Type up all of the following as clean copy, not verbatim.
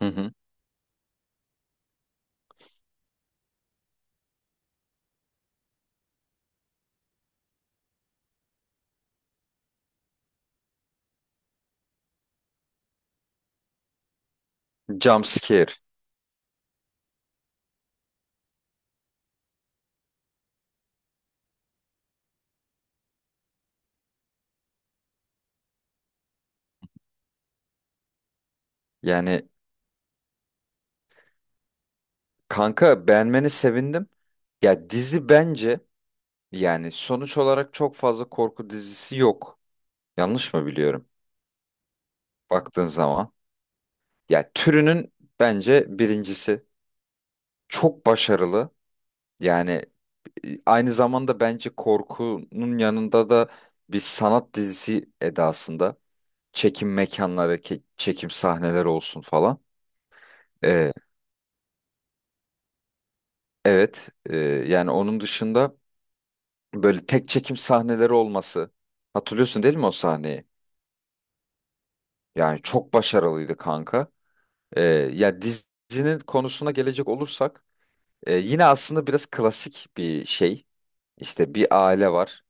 Hı hı. Jump scare. Yani kanka beğenmeni sevindim. Ya dizi bence yani sonuç olarak çok fazla korku dizisi yok. Yanlış mı biliyorum? Baktığın zaman. Ya türünün bence birincisi. Çok başarılı. Yani aynı zamanda bence korkunun yanında da bir sanat dizisi edasında. Çekim mekanları, çekim sahneleri olsun falan. Ee, evet. Yani onun dışında böyle tek çekim sahneleri olması. Hatırlıyorsun değil mi o sahneyi? Yani çok başarılıydı kanka. Ee, Ya dizinin konusuna gelecek olursak yine aslında biraz klasik bir şey. İşte bir aile var.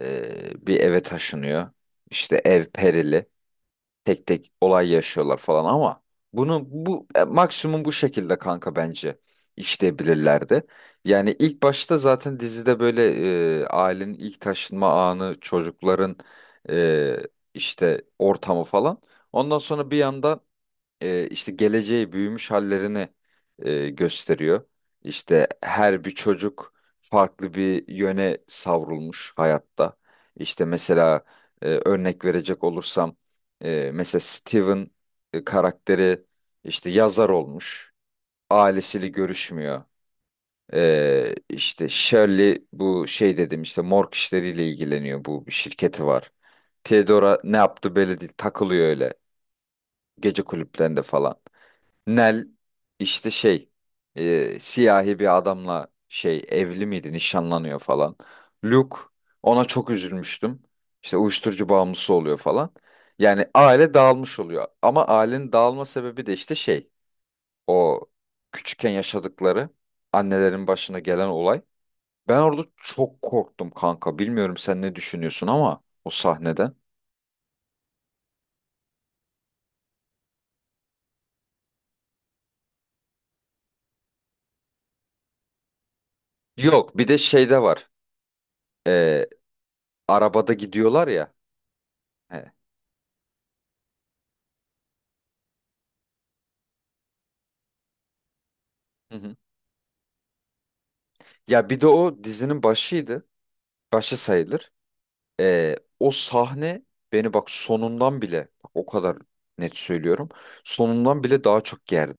Bir eve taşınıyor. İşte ev perili, tek tek olay yaşıyorlar falan ama bunu maksimum bu şekilde kanka bence işleyebilirlerdi. Yani ilk başta zaten dizide böyle ailenin ilk taşınma anı, çocukların e, işte ortamı falan. Ondan sonra bir yandan işte geleceği büyümüş hallerini gösteriyor. İşte her bir çocuk farklı bir yöne savrulmuş hayatta. İşte mesela örnek verecek olursam mesela Steven karakteri işte yazar olmuş. Ailesiyle görüşmüyor. İşte Shirley bu şey dedim işte morg işleriyle ilgileniyor, bu bir şirketi var. Theodora ne yaptı belli değil, takılıyor öyle gece kulüplerinde falan. Nel işte şey siyahi bir adamla şey evli miydi nişanlanıyor falan. Luke, ona çok üzülmüştüm. İşte uyuşturucu bağımlısı oluyor falan. Yani aile dağılmış oluyor. Ama ailenin dağılma sebebi de işte şey, o küçükken yaşadıkları, annelerin başına gelen olay. Ben orada çok korktum kanka. Bilmiyorum sen ne düşünüyorsun ama o sahneden. Yok bir de şeyde var. E, Arabada gidiyorlar ya. He. Ya bir de o dizinin başıydı. Başı sayılır. O sahne beni bak sonundan bile, bak o kadar net söylüyorum, sonundan bile daha çok gerdi.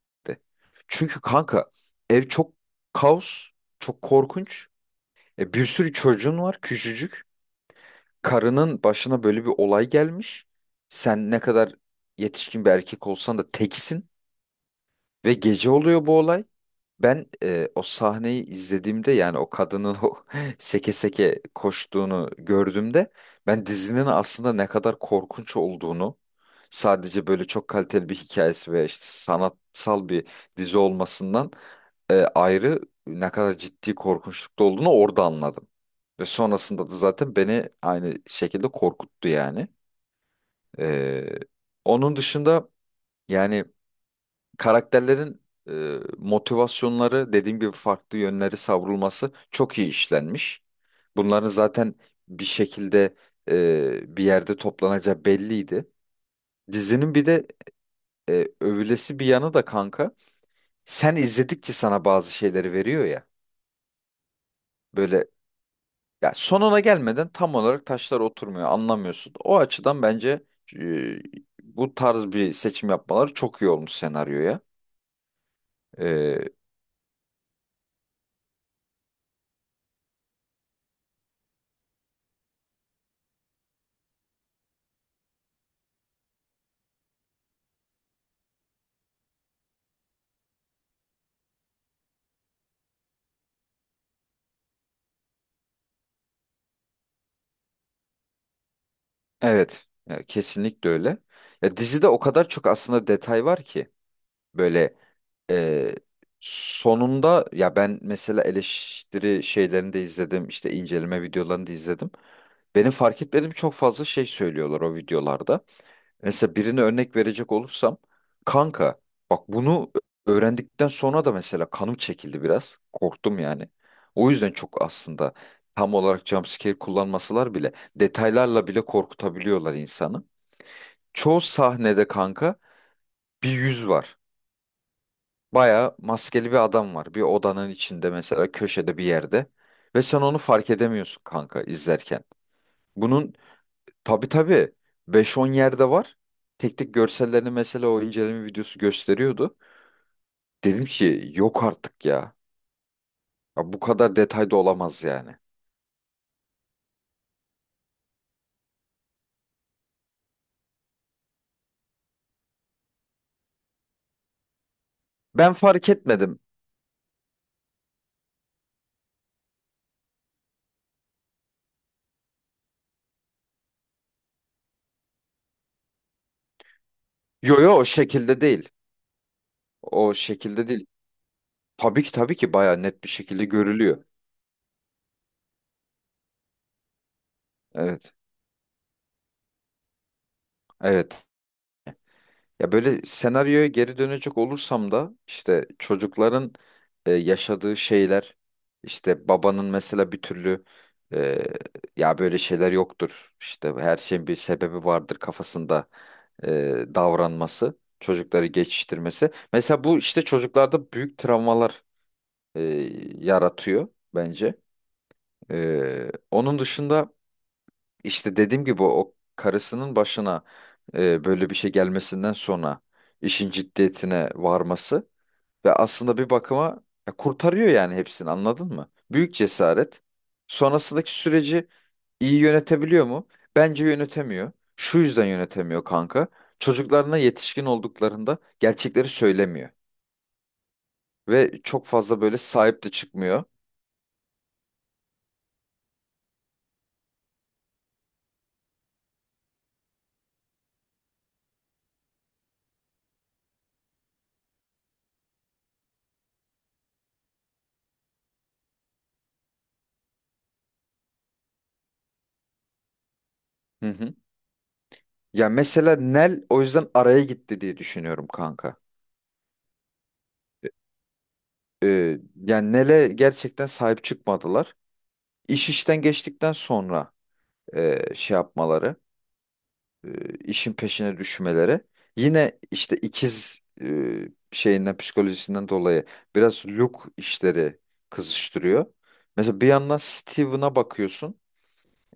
Çünkü kanka ev çok kaos, çok korkunç. Bir sürü çocuğun var küçücük. Karının başına böyle bir olay gelmiş. Sen ne kadar yetişkin bir erkek olsan da teksin. Ve gece oluyor bu olay. Ben o sahneyi izlediğimde, yani o kadının o seke seke koştuğunu gördüğümde, ben dizinin aslında ne kadar korkunç olduğunu, sadece böyle çok kaliteli bir hikayesi ve işte sanatsal bir dizi olmasından ayrı, ne kadar ciddi korkunçlukta olduğunu orada anladım. Ve sonrasında da zaten beni aynı şekilde korkuttu yani. E, Onun dışında yani karakterlerin motivasyonları, dediğim gibi farklı yönleri savrulması çok iyi işlenmiş. Bunların zaten bir şekilde bir yerde toplanacağı belliydi. Dizinin bir de övülesi bir yanı da kanka. Sen izledikçe sana bazı şeyleri veriyor ya. Böyle, ya sonuna gelmeden tam olarak taşlar oturmuyor, anlamıyorsun. O açıdan bence e, bu tarz bir seçim yapmaları çok iyi olmuş senaryoya. E, Evet, ya kesinlikle öyle. Ya dizide o kadar çok aslında detay var ki böyle, e, sonunda, ya ben mesela eleştiri şeylerini de izledim, işte inceleme videolarını da izledim. Benim fark etmediğim çok fazla şey söylüyorlar o videolarda. Mesela birine örnek verecek olursam kanka, bak bunu öğrendikten sonra da mesela kanım çekildi biraz. Korktum yani. O yüzden çok aslında tam olarak jumpscare kullanmasalar bile detaylarla bile korkutabiliyorlar insanı. Çoğu sahnede kanka bir yüz var. Baya maskeli bir adam var. Bir odanın içinde mesela köşede bir yerde. Ve sen onu fark edemiyorsun kanka izlerken. Bunun, tabii tabii, beş on yerde var. Tek tek görsellerini mesela o inceleme videosu gösteriyordu. Dedim ki yok artık ya. Ya bu kadar detayda olamaz yani. Ben fark etmedim. Yo yo, o şekilde değil. O şekilde değil. Tabii ki tabii ki baya net bir şekilde görülüyor. Evet. Evet. Ya böyle senaryoya geri dönecek olursam da işte çocukların yaşadığı şeyler, işte babanın mesela bir türlü e, ya böyle şeyler yoktur, işte her şeyin bir sebebi vardır kafasında e, davranması, çocukları geçiştirmesi. Mesela bu işte çocuklarda büyük travmalar e, yaratıyor bence. Onun dışında işte dediğim gibi o karısının başına böyle bir şey gelmesinden sonra işin ciddiyetine varması ve aslında bir bakıma ya kurtarıyor yani hepsini, anladın mı? Büyük cesaret. Sonrasındaki süreci iyi yönetebiliyor mu? Bence yönetemiyor. Şu yüzden yönetemiyor kanka. Çocuklarına yetişkin olduklarında gerçekleri söylemiyor ve çok fazla böyle sahip de çıkmıyor. Hı hı. Ya mesela Nel o yüzden araya gitti diye düşünüyorum kanka. e, Yani Nele gerçekten sahip çıkmadılar. İş işten geçtikten sonra şey yapmaları, işin peşine düşmeleri. Yine işte ikiz şeyinden, psikolojisinden dolayı biraz Luke işleri kızıştırıyor. Mesela bir yandan Steven'a bakıyorsun.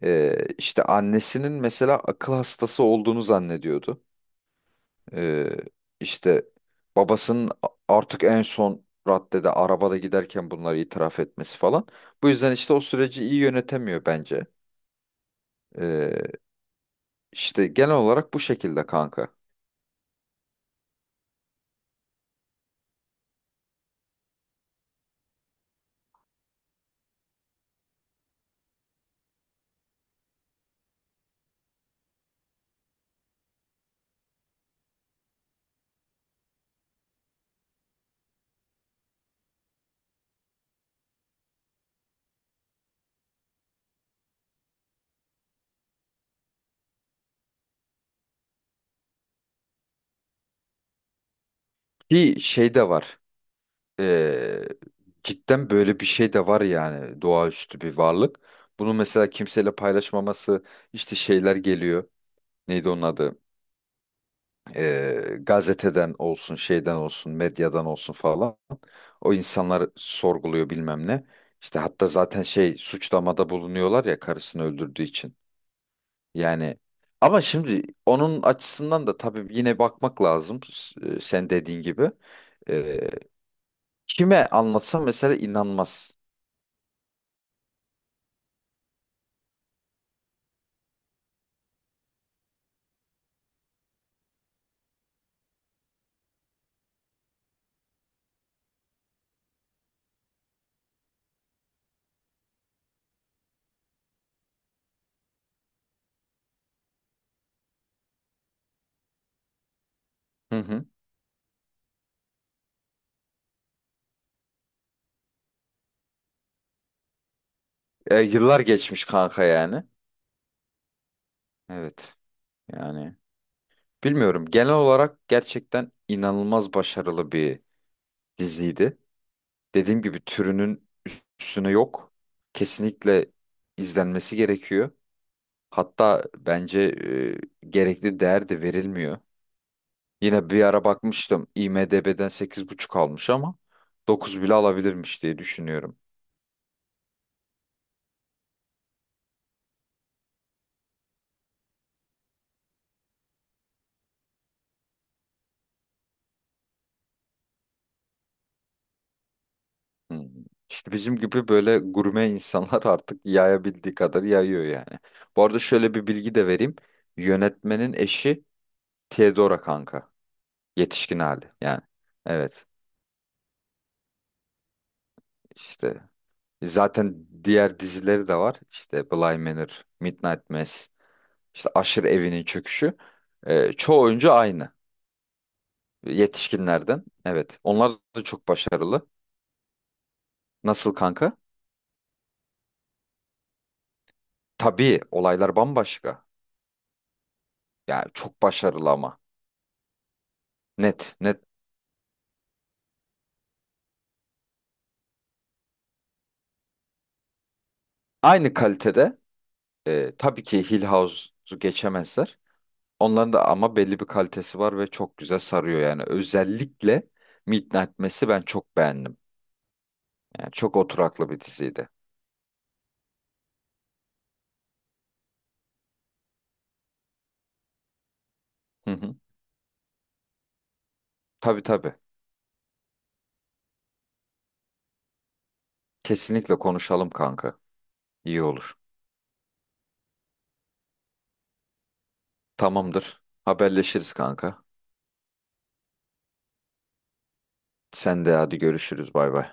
İşte annesinin mesela akıl hastası olduğunu zannediyordu. Ee, işte babasının artık en son raddede arabada giderken bunları itiraf etmesi falan. Bu yüzden işte o süreci iyi yönetemiyor bence. Ee, işte genel olarak bu şekilde kanka. Bir şey de var. Ee, Cidden böyle bir şey de var, yani doğaüstü bir varlık. Bunu mesela kimseyle paylaşmaması, işte şeyler geliyor. Neydi onun adı? Gazeteden olsun, şeyden olsun, medyadan olsun falan. O insanlar sorguluyor bilmem ne. İşte hatta zaten şey, suçlamada bulunuyorlar ya karısını öldürdüğü için. Yani ama şimdi onun açısından da tabii yine bakmak lazım. Sen dediğin gibi. E, Kime anlatsam mesela inanmaz. Hı hı. Yıllar geçmiş kanka yani. Evet. Yani bilmiyorum. Genel olarak gerçekten inanılmaz başarılı bir diziydi. Dediğim gibi türünün üstüne yok. Kesinlikle izlenmesi gerekiyor. Hatta bence gerekli değer de verilmiyor. Yine bir ara bakmıştım, IMDb'den 8,5 almış ama 9 bile alabilirmiş diye düşünüyorum. Hmm. İşte bizim gibi böyle gurme insanlar artık yayabildiği kadar yayıyor yani. Bu arada şöyle bir bilgi de vereyim. Yönetmenin eşi Theodora kanka. Yetişkin hali yani. Evet, işte zaten diğer dizileri de var. İşte Bly Manor, Midnight Mass, işte Aşırı Evinin Çöküşü. Çoğu oyuncu aynı. Yetişkinlerden. Evet. Onlar da çok başarılı. Nasıl kanka? Tabii olaylar bambaşka. Yani çok başarılı ama. Net, net. Aynı kalitede. Tabii ki Hill House'u geçemezler. Onların da ama belli bir kalitesi var ve çok güzel sarıyor yani. Özellikle Midnight Mass'i ben çok beğendim. Yani çok oturaklı bir diziydi. Hı hı. Tabii tabii. Kesinlikle konuşalım kanka. İyi olur. Tamamdır. Haberleşiriz kanka. Sen de hadi görüşürüz. Bay bay.